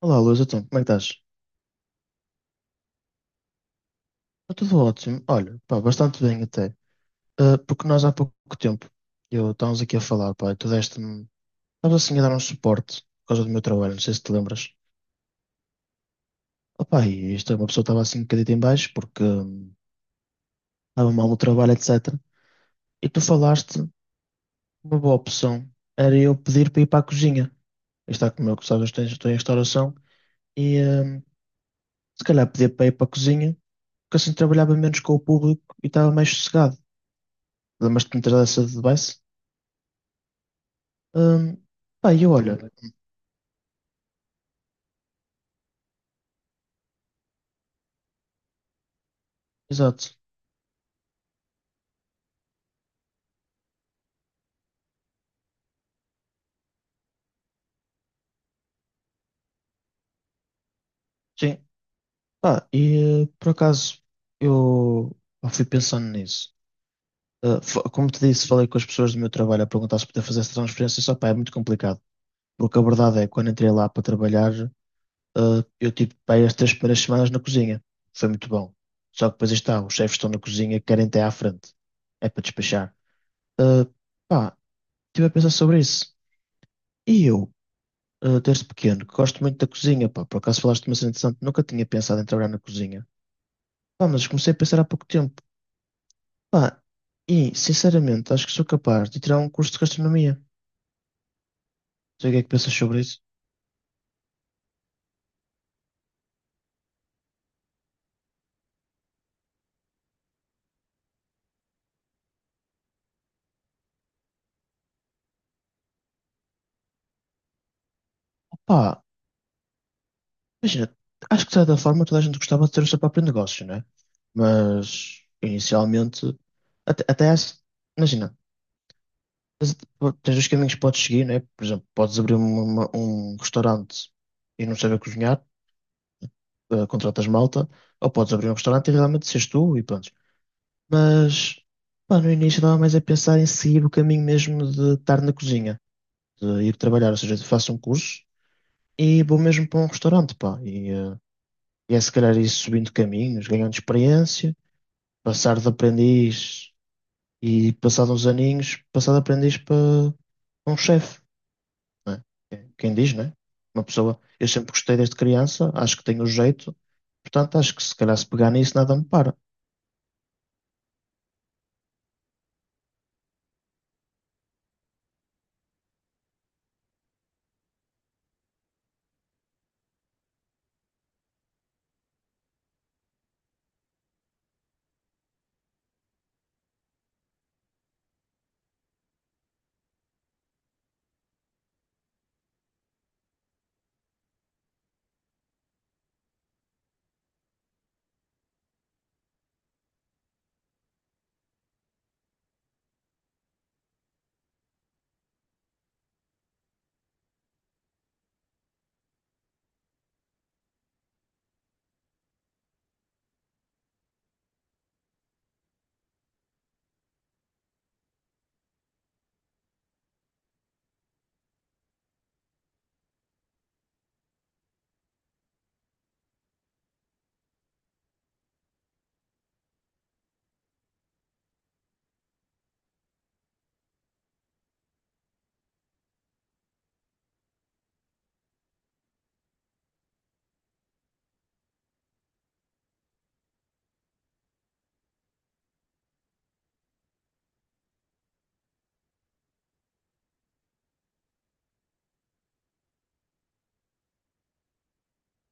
Olá, Luís, então, como é que estás? Está tudo ótimo. Olha, pá, bastante bem até. Ah, porque nós há pouco tempo, eu estávamos aqui a falar, pá, e tu deste-me, estavas assim a dar um suporte por causa do meu trabalho, não sei se te lembras. Opá, e isto, é uma pessoa estava assim um bocadinho em baixo porque estava mal no trabalho, etc. E tu falaste, uma boa opção era eu pedir para ir para a cozinha. Está como eu que sabes, estou em restauração e se calhar pedir para ir para a cozinha, porque assim trabalhava menos com o público e estava mais sossegado. Lembras-te de me ter dado essa advice? Hum, pá, e eu olho, exato, sim, pá, e por acaso eu eu fui pensando nisso. Como te disse, falei com as pessoas do meu trabalho a perguntar se podia fazer essa transferência, só pá, é muito complicado, porque a verdade é que quando entrei lá para trabalhar, eu tive pá, aí as três primeiras semanas na cozinha, foi muito bom. Só que depois aí está, os chefes estão na cozinha, querem ter à frente, é para despachar. Eh, pá, estive a pensar sobre isso. E eu? Desde pequeno, que gosto muito da cozinha, pá. Por acaso falaste de uma cena interessante, nunca tinha pensado em trabalhar na cozinha. Pá, mas comecei a pensar há pouco tempo. Pá, e, sinceramente, acho que sou capaz de tirar um curso de gastronomia. Não sei o que é que pensas sobre isso. Pá, imagina, acho que de certa forma toda a gente gostava de ter o seu próprio negócio, né? Mas, inicialmente, até, até acho- imagina, tens, tens os caminhos que podes seguir, né? Por exemplo, podes abrir um restaurante e não saber cozinhar. Contratas malta, ou podes abrir um restaurante e realmente seres tu e pronto. Mas, pá, no início estava mais a pensar em seguir o caminho mesmo de estar na cozinha, de ir trabalhar, ou seja, faço um curso e vou mesmo para um restaurante, pá. E é se calhar ir subindo caminhos, ganhando experiência, passar de aprendiz e passado uns aninhos, passar de aprendiz para um chefe, né? Quem diz, né? Uma pessoa, eu sempre gostei desde criança, acho que tenho o jeito. Portanto, acho que se calhar se pegar nisso nada me para.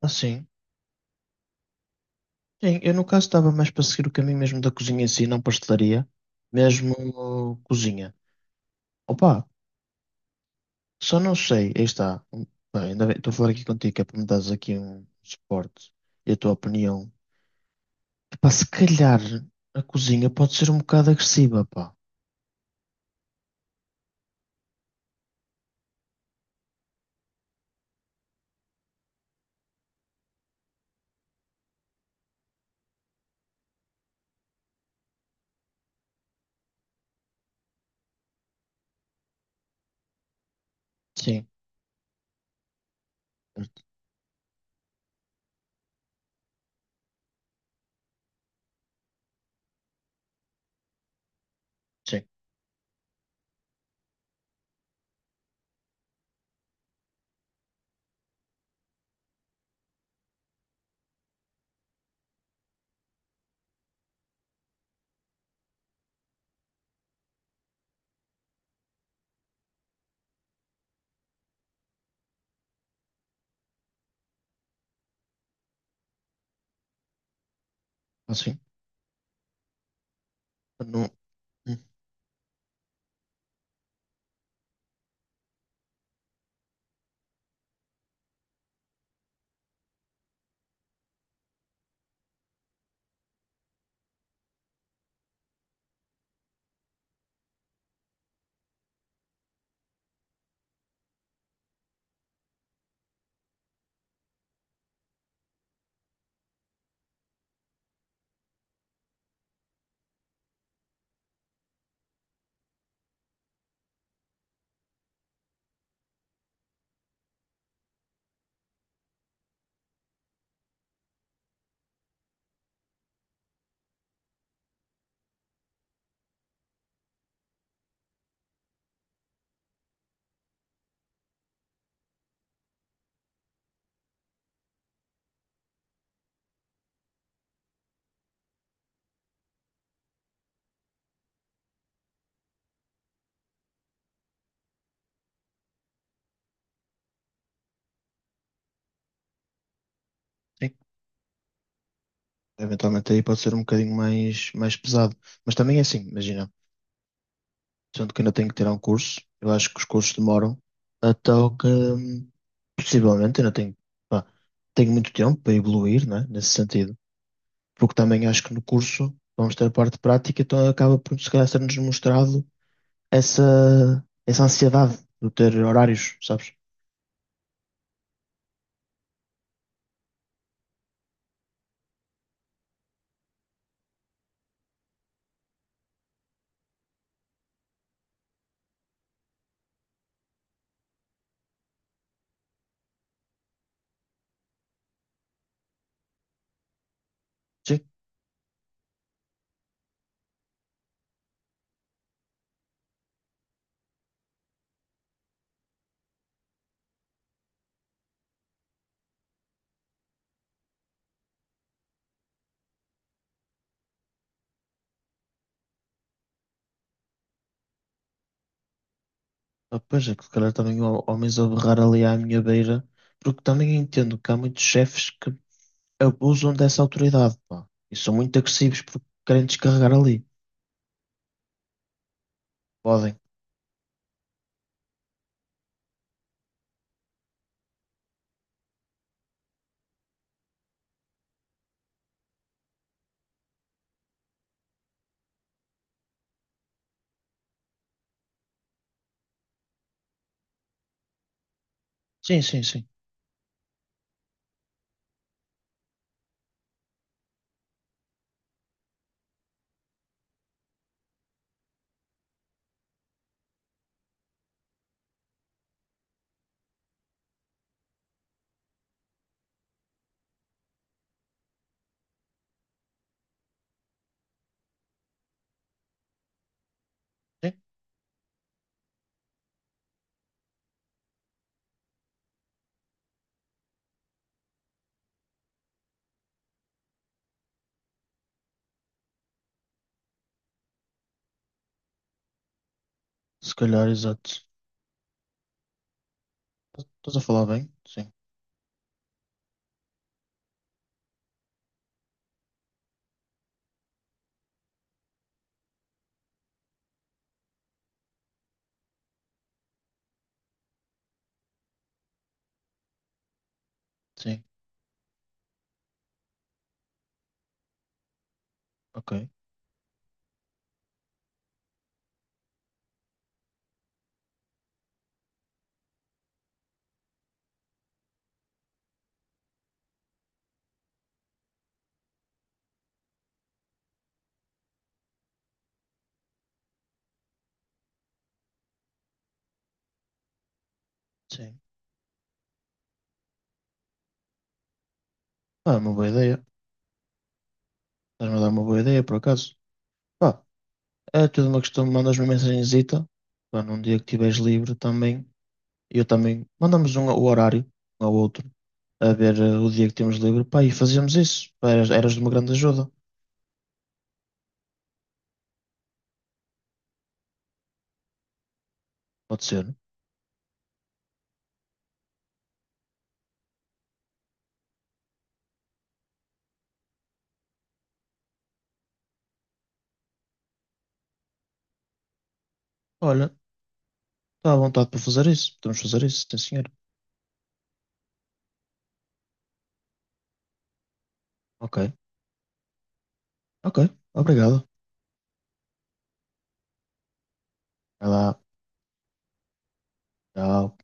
Assim, sim, eu no caso estava mais para seguir o caminho mesmo da cozinha em si, não pastelaria, mesmo cozinha. Opa, só não sei, aí está. Pá, ainda bem, estou a falar aqui contigo, que é para me dares aqui um suporte e a tua opinião. Pá, se calhar a cozinha pode ser um bocado agressiva, pá. Sim, sim, assim. Não, hum, sim, eventualmente aí pode ser um bocadinho mais, mais pesado. Mas também é assim, imagina. Sendo que ainda tenho que tirar um curso. Eu acho que os cursos demoram, então que possivelmente ainda tenho, pá, tenho muito tempo para evoluir, né, nesse sentido, porque também acho que no curso vamos ter a parte prática, então acaba por se calhar ser-nos mostrado essa ansiedade de ter horários, sabes? Sim, ah, pois é que se calhar também há homens a berrar ali à minha beira, porque também entendo que há muitos chefes que abusam dessa autoridade, pá, e são muito agressivos porque querem descarregar ali. Podem. Sim, sim, sim. Sim. Se calhar, exato. Estás a falar bem? Sim, sim, ok, sim. Ah, é uma boa ideia. Estás-me a dar uma boa ideia, por acaso. Pá, é tudo uma questão, mandas-me uma mensagenzita, pá, num dia que estiveres livre também, eu também, mandamos o horário, um ao outro, a ver o dia que temos livre, pá, e fazíamos isso. Pá, eras de uma grande ajuda, pode ser. Olha, está à vontade para fazer isso, podemos fazer isso, sim senhor. Ok, ok, obrigado. Vai lá, tchau.